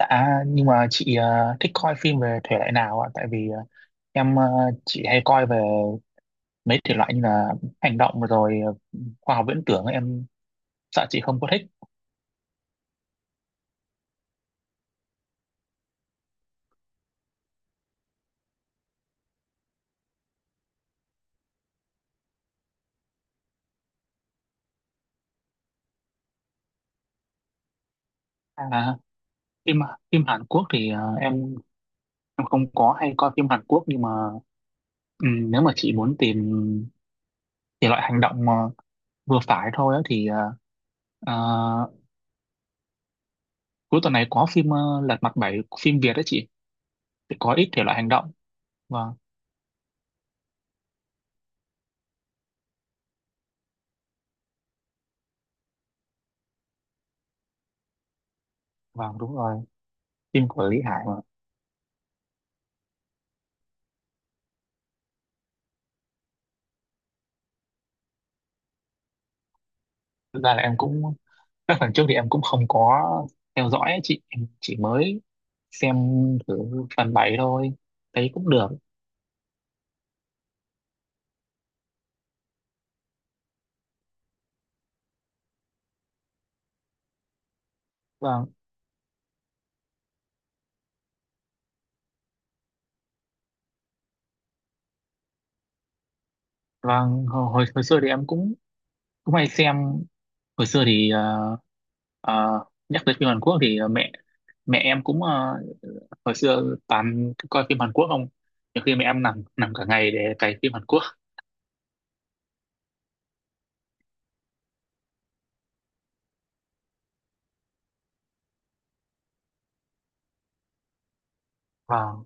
Nhưng mà chị thích coi phim về thể loại nào ạ? Tại vì em ờ, chị hay coi về mấy thể loại như là hành động rồi khoa học viễn tưởng ấy, em sợ chị không có thích. À, phim phim Hàn Quốc thì em không có hay coi phim Hàn Quốc, nhưng mà nếu mà chị muốn tìm thể loại hành động mà vừa phải thôi á, thì ờ, cuối tuần này có phim Lật Mặt Bảy, phim Việt đấy chị, thì có ít thể loại hành động. Vâng, vâng, đúng rồi, phim của Lý Hải mà. Thực ra là em cũng các phần trước thì em cũng không có theo dõi ấy chị, em chỉ mới xem thử phần 7 thôi, thấy cũng được. Và và hồi hồi hồi xưa thì em cũng cũng hay xem. Hồi xưa thì nhắc tới phim Hàn Quốc thì ờ, mẹ mẹ em cũng hồi xưa toàn coi phim Hàn Quốc không, nhiều khi mẹ em nằm nằm cả ngày để cày phim Hàn Quốc. Vâng.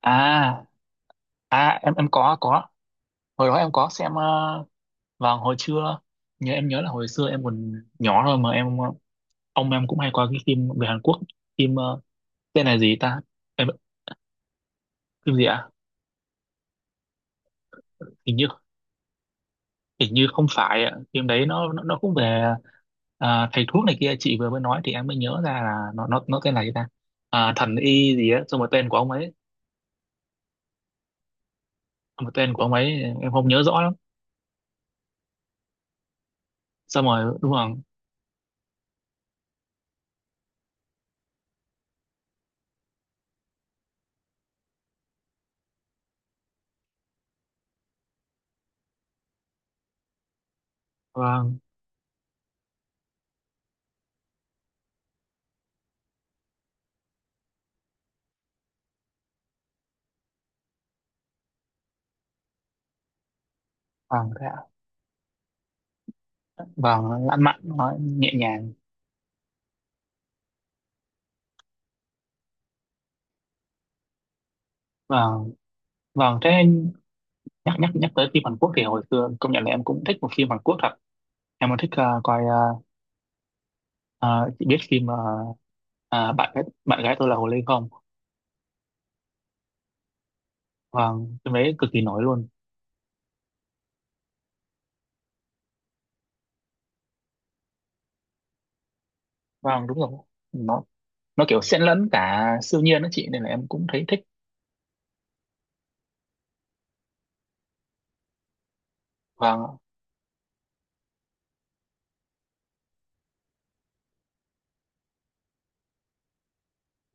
À, à, em có hồi đó em có xem vào hồi trưa. Nhớ, em nhớ là hồi xưa em còn nhỏ thôi mà em ông em cũng hay coi cái phim về Hàn Quốc, phim tên là gì ta. Em, phim gì ạ? Hình như hình như không phải ạ, phim đấy nó cũng về à, thầy thuốc này kia chị vừa mới nói thì em mới nhớ ra là nó tên là gì ta. À, thần y gì á xong rồi tên của ông ấy, một tên của ông ấy, em không nhớ rõ lắm. Xong rồi đúng rồi. Vâng. Vâng thế ạ. Vâng, lãng mạn nó nhẹ nhàng. Vâng. Vâng thế. Nhắc nhắc nhắc tới phim Hàn Quốc thì hồi xưa công nhận là em cũng thích một phim Hàn Quốc thật. Em còn thích coi à, chị biết phim mà à, bạn gái tôi là Hồ Ly không? Vâng, phim đấy cực kỳ nổi luôn. Vâng, đúng rồi. Nó nó kiểu xen lẫn cả siêu nhiên đó chị nên là em cũng thấy thích. Vâng.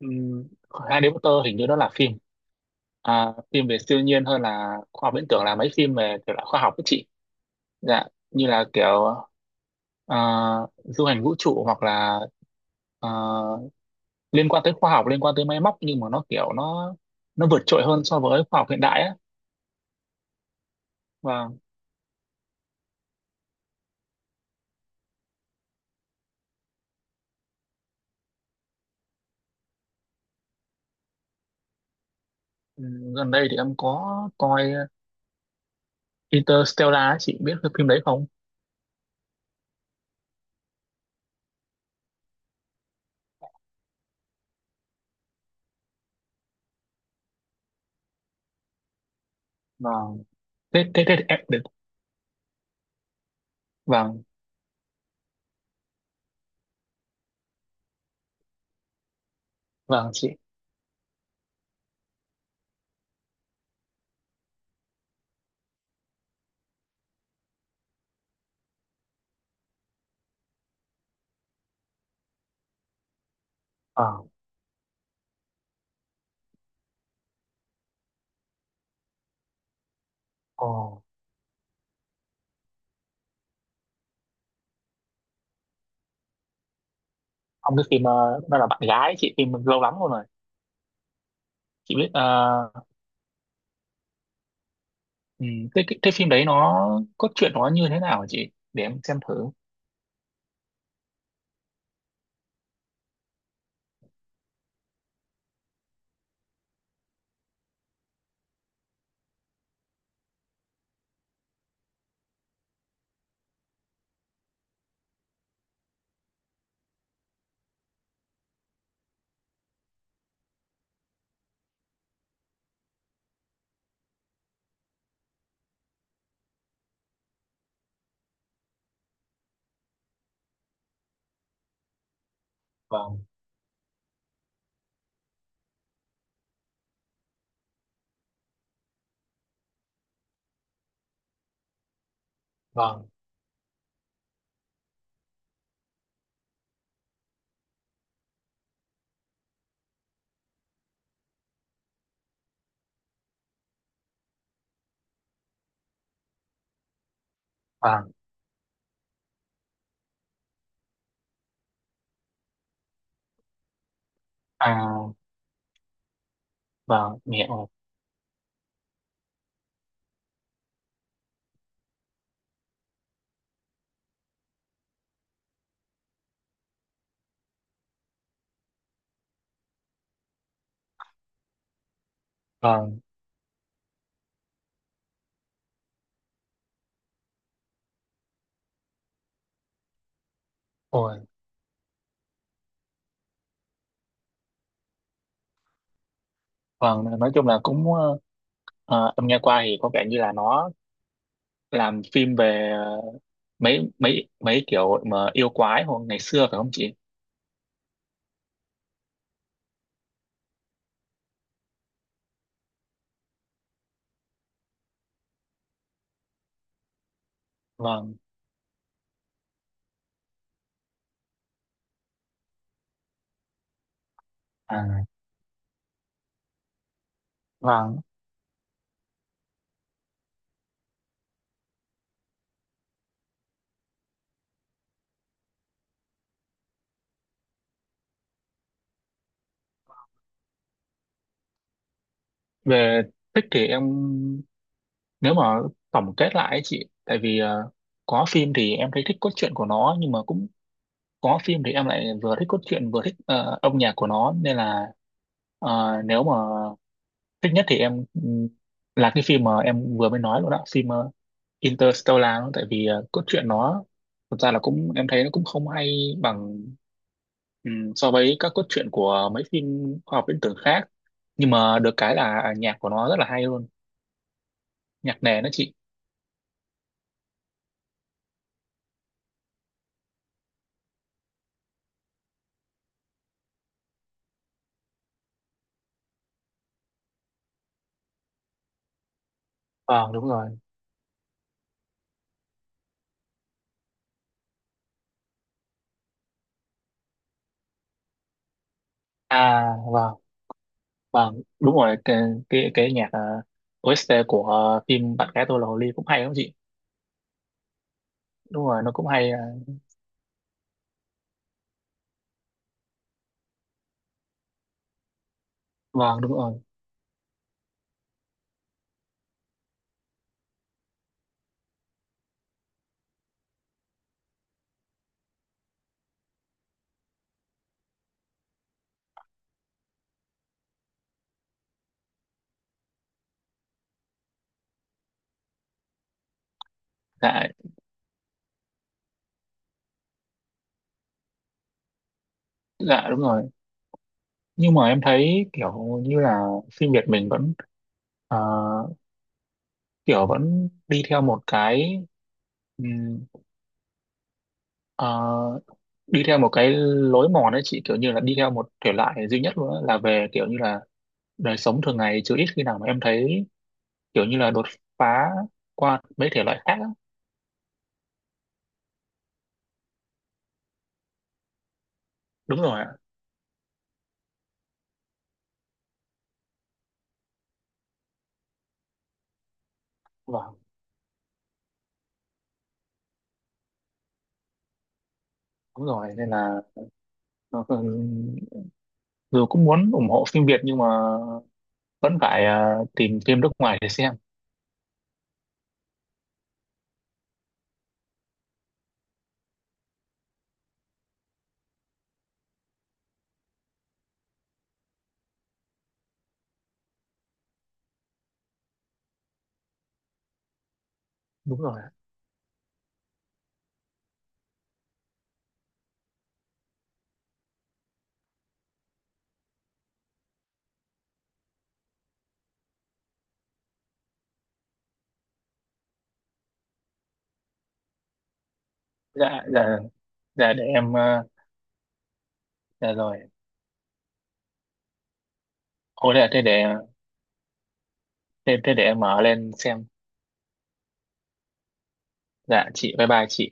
um, Harry Potter hình như đó là phim à, phim về siêu nhiên, hơn là khoa học viễn tưởng là mấy phim về kiểu là khoa học đó chị. Dạ, như là kiểu à, du hành vũ trụ hoặc là à, liên quan tới khoa học, liên quan tới máy móc nhưng mà nó kiểu nó vượt trội hơn so với khoa học hiện đại á. Và ừ, gần đây thì em có coi Interstellar ấy, chị biết cái phim đấy không? Vâng. Thế thế thế thì em được. Vâng, vâng chị. Ờ. Ồ. Ông cái phim đó là bạn gái chị, phim lâu lắm rồi rồi. Chị biết ừ, cái phim đấy nó cốt truyện nó như thế nào hả chị? Để em xem thử. Vâng. Vâng. Vâng. À vâng, mẹ ơi. Vâng. Ôi, vâng, nói chung là cũng em nghe qua thì có vẻ như là nó làm phim về mấy mấy mấy kiểu mà yêu quái hồi ngày xưa, phải không chị? Vâng. À, vâng. Về thích thì em, nếu mà tổng kết lại ấy chị, tại vì có phim thì em thấy thích cốt truyện của nó nhưng mà cũng có phim thì em lại vừa thích cốt truyện vừa thích âm nhạc của nó, nên là nếu mà thích nhất thì em là cái phim mà em vừa mới nói luôn đó, phim Interstellar đó. Tại vì cốt truyện nó thực ra là cũng em thấy nó cũng không hay bằng, ừ, so với các cốt truyện của mấy phim khoa học viễn tưởng khác, nhưng mà được cái là nhạc của nó rất là hay luôn. Nhạc nền đó chị. Vâng đúng rồi. À vâng. Vâng đúng rồi, cái nhạc OST của phim Bạn gái tôi là hồ ly cũng hay lắm chị. Đúng rồi, nó cũng hay. Ờ, vâng đúng rồi. Dạ dạ. Đúng rồi, nhưng mà em thấy kiểu như là phim Việt mình vẫn ờ, kiểu vẫn đi theo một cái ừm, ờ, đi theo một cái lối mòn ấy chị kiểu như là đi theo một thể loại duy nhất luôn á, là về kiểu như là đời sống thường ngày chứ ít khi nào mà em thấy kiểu như là đột phá qua mấy thể loại khác á. Đúng rồi ạ vâng đúng rồi nên là nó còn- dù cũng muốn ủng hộ phim Việt nhưng mà vẫn phải à, tìm phim nước ngoài để xem. Đúng rồi ạ. Dạ dạ. Dạ để em dạ rồi. Ôi thế thế để, thế, thế để em mở lên xem. Dạ chị, bye bye chị.